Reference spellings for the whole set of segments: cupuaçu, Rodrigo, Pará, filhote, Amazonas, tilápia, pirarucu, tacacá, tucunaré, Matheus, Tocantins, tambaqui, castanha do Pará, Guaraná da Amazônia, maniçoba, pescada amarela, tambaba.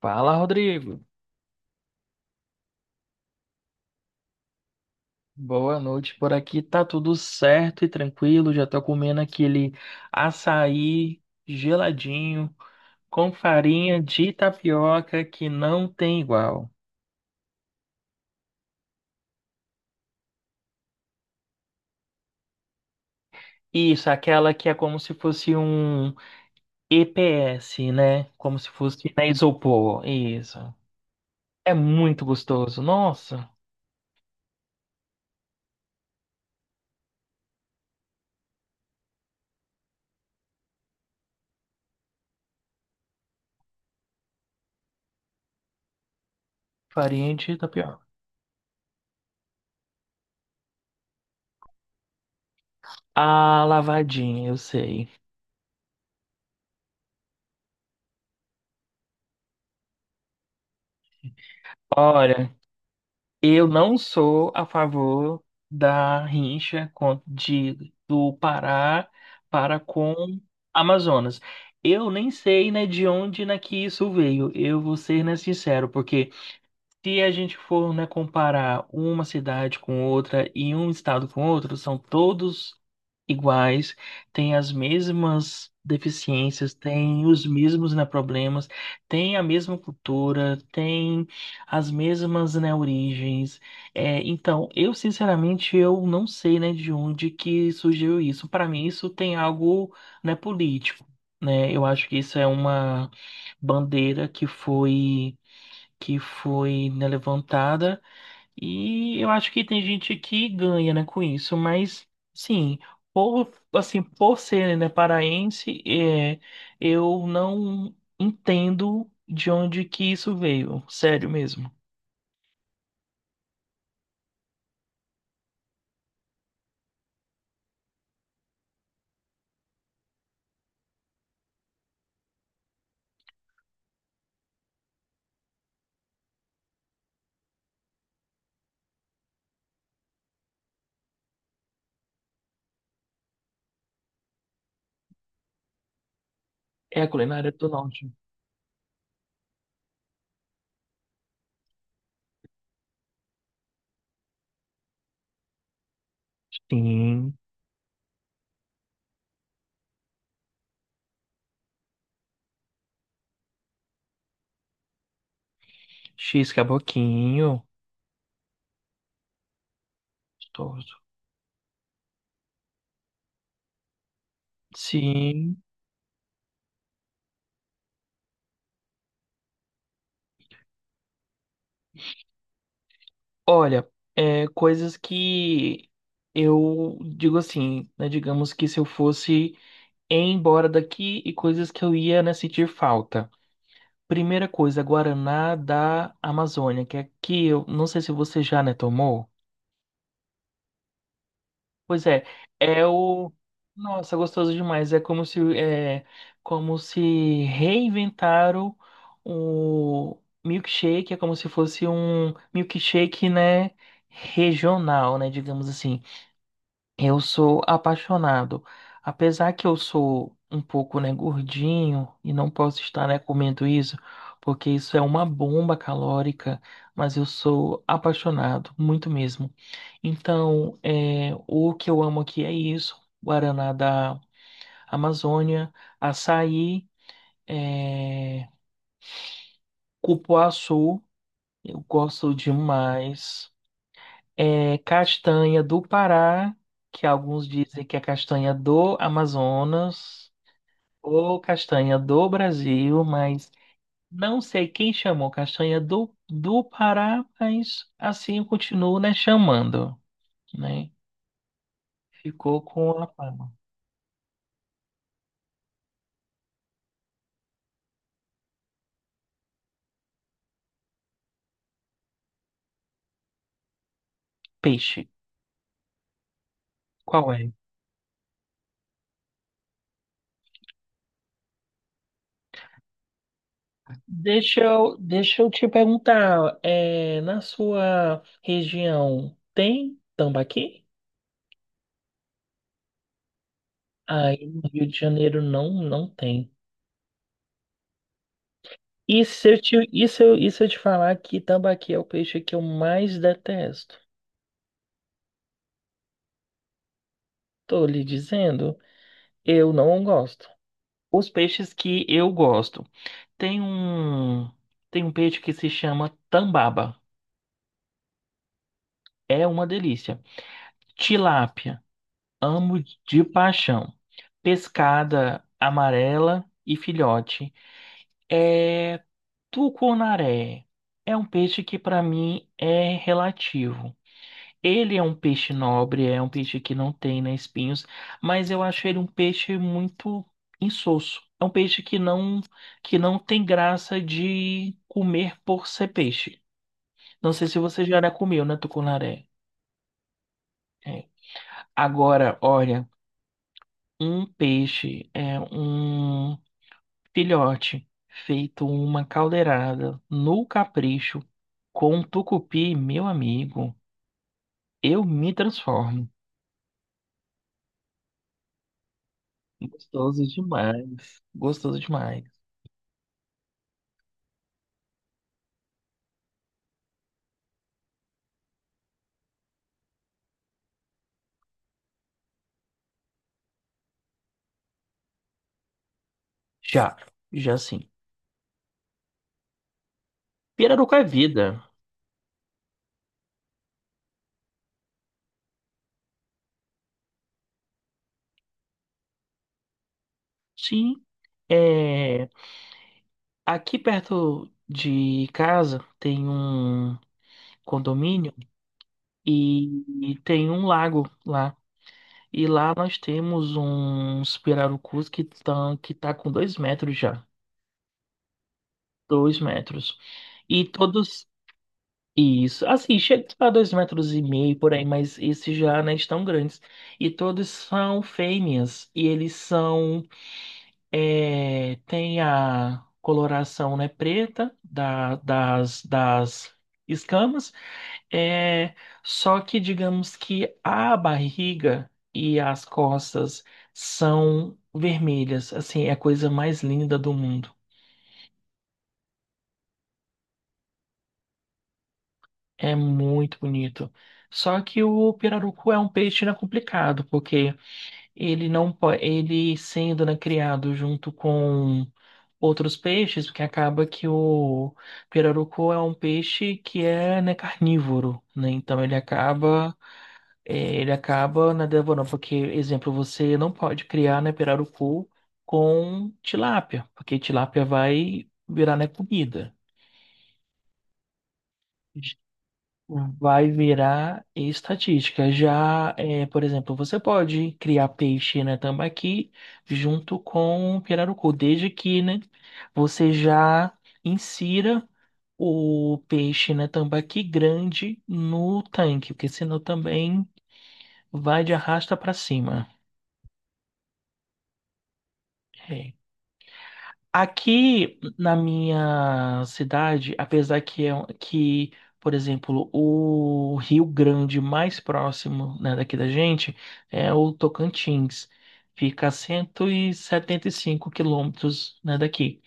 Fala, Rodrigo. Boa noite. Por aqui tá tudo certo e tranquilo. Já tô comendo aquele açaí geladinho com farinha de tapioca que não tem igual. Isso, aquela que é como se fosse um EPS, né? Como se fosse na isopor. Isso. É muito gostoso. Nossa, farinha de tapioca. Ah, lavadinha, eu sei. Olha, eu não sou a favor da rincha do Pará para com Amazonas. Eu nem sei, né, de onde né, que isso veio. Eu vou ser, né, sincero, porque se a gente for, né, comparar uma cidade com outra e um estado com outro, são todos iguais, têm as mesmas deficiências, têm os mesmos, né, problemas, têm a mesma cultura, têm as mesmas, né, origens. É, então, eu sinceramente eu não sei, né, de onde que surgiu isso. Para mim, isso tem algo, né, político. Né, eu acho que isso é uma bandeira que foi né, levantada e eu acho que tem gente que ganha, né, com isso, mas sim, por assim, por ser, né, paraense, é, eu não entendo de onde que isso veio, sério mesmo. É a culinária do norte. Sim, X caboquinho, gostoso. Sim. Olha, é, coisas que eu digo assim, né, digamos que se eu fosse ir embora daqui e coisas que eu ia, né, sentir falta. Primeira coisa, Guaraná da Amazônia, que aqui eu não sei se você já, né, tomou. Pois é, é o. Nossa, gostoso demais. É como se reinventaram o milkshake, é como se fosse um milkshake, né, regional, né, digamos assim. Eu sou apaixonado. Apesar que eu sou um pouco, né, gordinho e não posso estar, né, comendo isso, porque isso é uma bomba calórica, mas eu sou apaixonado, muito mesmo. Então, é, o que eu amo aqui é isso: Guaraná da Amazônia, açaí, é, cupuaçu, eu gosto demais. É castanha do Pará, que alguns dizem que é castanha do Amazonas, ou castanha do Brasil, mas não sei quem chamou castanha do Pará, mas assim eu continuo, né, chamando, né? Ficou com a fama. Peixe, qual é? Deixa eu te perguntar, é, na sua região tem tambaqui? Aí no Rio de Janeiro não, não tem. E se eu te, e se eu te falar que tambaqui é o peixe que eu mais detesto? Tô lhe dizendo, eu não gosto. Os peixes que eu gosto. Tem um, tem um peixe que se chama tambaba. É uma delícia. Tilápia, amo de paixão. Pescada amarela e filhote. É tucunaré. É um peixe que para mim é relativo. Ele é um peixe nobre, é um peixe que não tem, né, espinhos, mas eu acho ele um peixe muito insosso. É um peixe que não tem graça de comer por ser peixe. Não sei se você já comeu, né, tucunaré? É. Agora, olha, um peixe é um filhote feito uma caldeirada no capricho com tucupi, meu amigo. Eu me transformo. Gostoso demais. Gostoso demais. Já, já sim. Pirarucu é vida. Sim. É, aqui perto de casa tem um condomínio e tem um lago lá. E lá nós temos uns pirarucus que estão que tá com 2 metros já. 2 metros. E todos. Isso. Assim, chega a 2,5 metros por aí, mas esses já não estão grandes. E todos são fêmeas. E eles são É, tem a coloração, né, preta das escamas, é, só que digamos que a barriga e as costas são vermelhas, assim, é a coisa mais linda do mundo, é muito bonito. Só que o pirarucu é um peixe, né, complicado, porque Ele não po- ele sendo, né, criado junto com outros peixes, porque acaba que o pirarucu é um peixe que é, né, carnívoro, né? Então ele acaba, né, devorando, porque, exemplo, você não pode criar, né, pirarucu com tilápia, porque tilápia vai virar, né, comida. Vai virar estatística. Já, é, por exemplo, você pode criar peixe na tambaqui junto com o pirarucu, desde que, né, você já insira o peixe na tambaqui grande no tanque, porque senão também vai de arrasta para cima. É. Aqui na minha cidade, apesar que é um- que, por exemplo, o Rio Grande mais próximo, né, daqui da gente é o Tocantins. Fica a 175 quilômetros, né, daqui.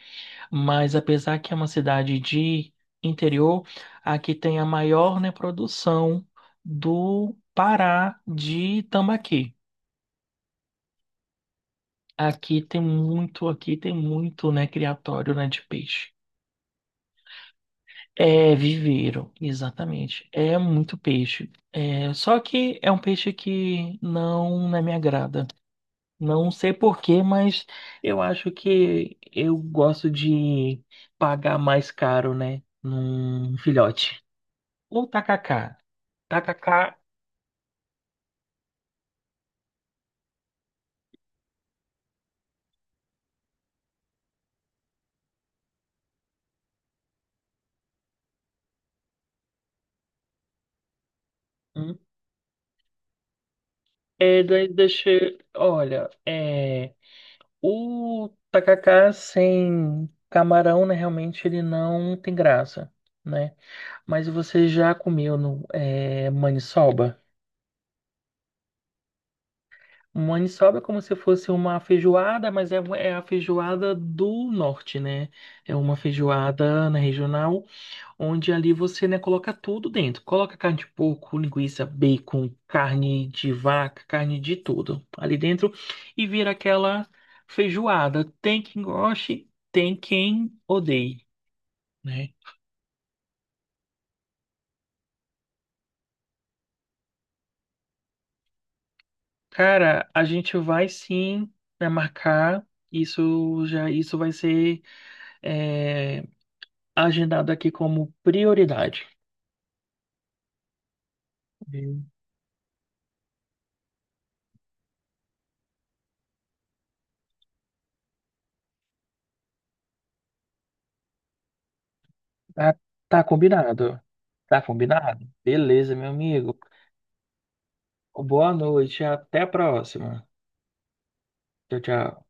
Mas apesar que é uma cidade de interior, aqui tem a maior, né, produção do Pará de tambaqui. Aqui tem muito, né, criatório, né, de peixe. É, viveiro, exatamente. É muito peixe. É, só que é um peixe que não, não me agrada. Não sei por quê, mas eu acho que eu gosto de pagar mais caro, né? Num filhote. O tacacá. Tacacá hum, é, daí deixa. Olha, é, o tacacá sem camarão, né? Realmente ele não tem graça, né? Mas você já comeu no, é, maniçoba? Maniçoba é como se fosse uma feijoada, mas é, é a feijoada do norte, né? É uma feijoada na regional, onde ali você, né, coloca tudo dentro. Coloca carne de porco, linguiça, bacon, carne de vaca, carne de tudo ali dentro e vira aquela feijoada. Tem quem goste, tem quem odeie, né? Cara, a gente vai sim né, marcar. Isso vai ser é, agendado aqui como prioridade. Hum. Tá, tá combinado. Tá combinado? Beleza, meu amigo. Boa noite, até a próxima. Tchau, tchau.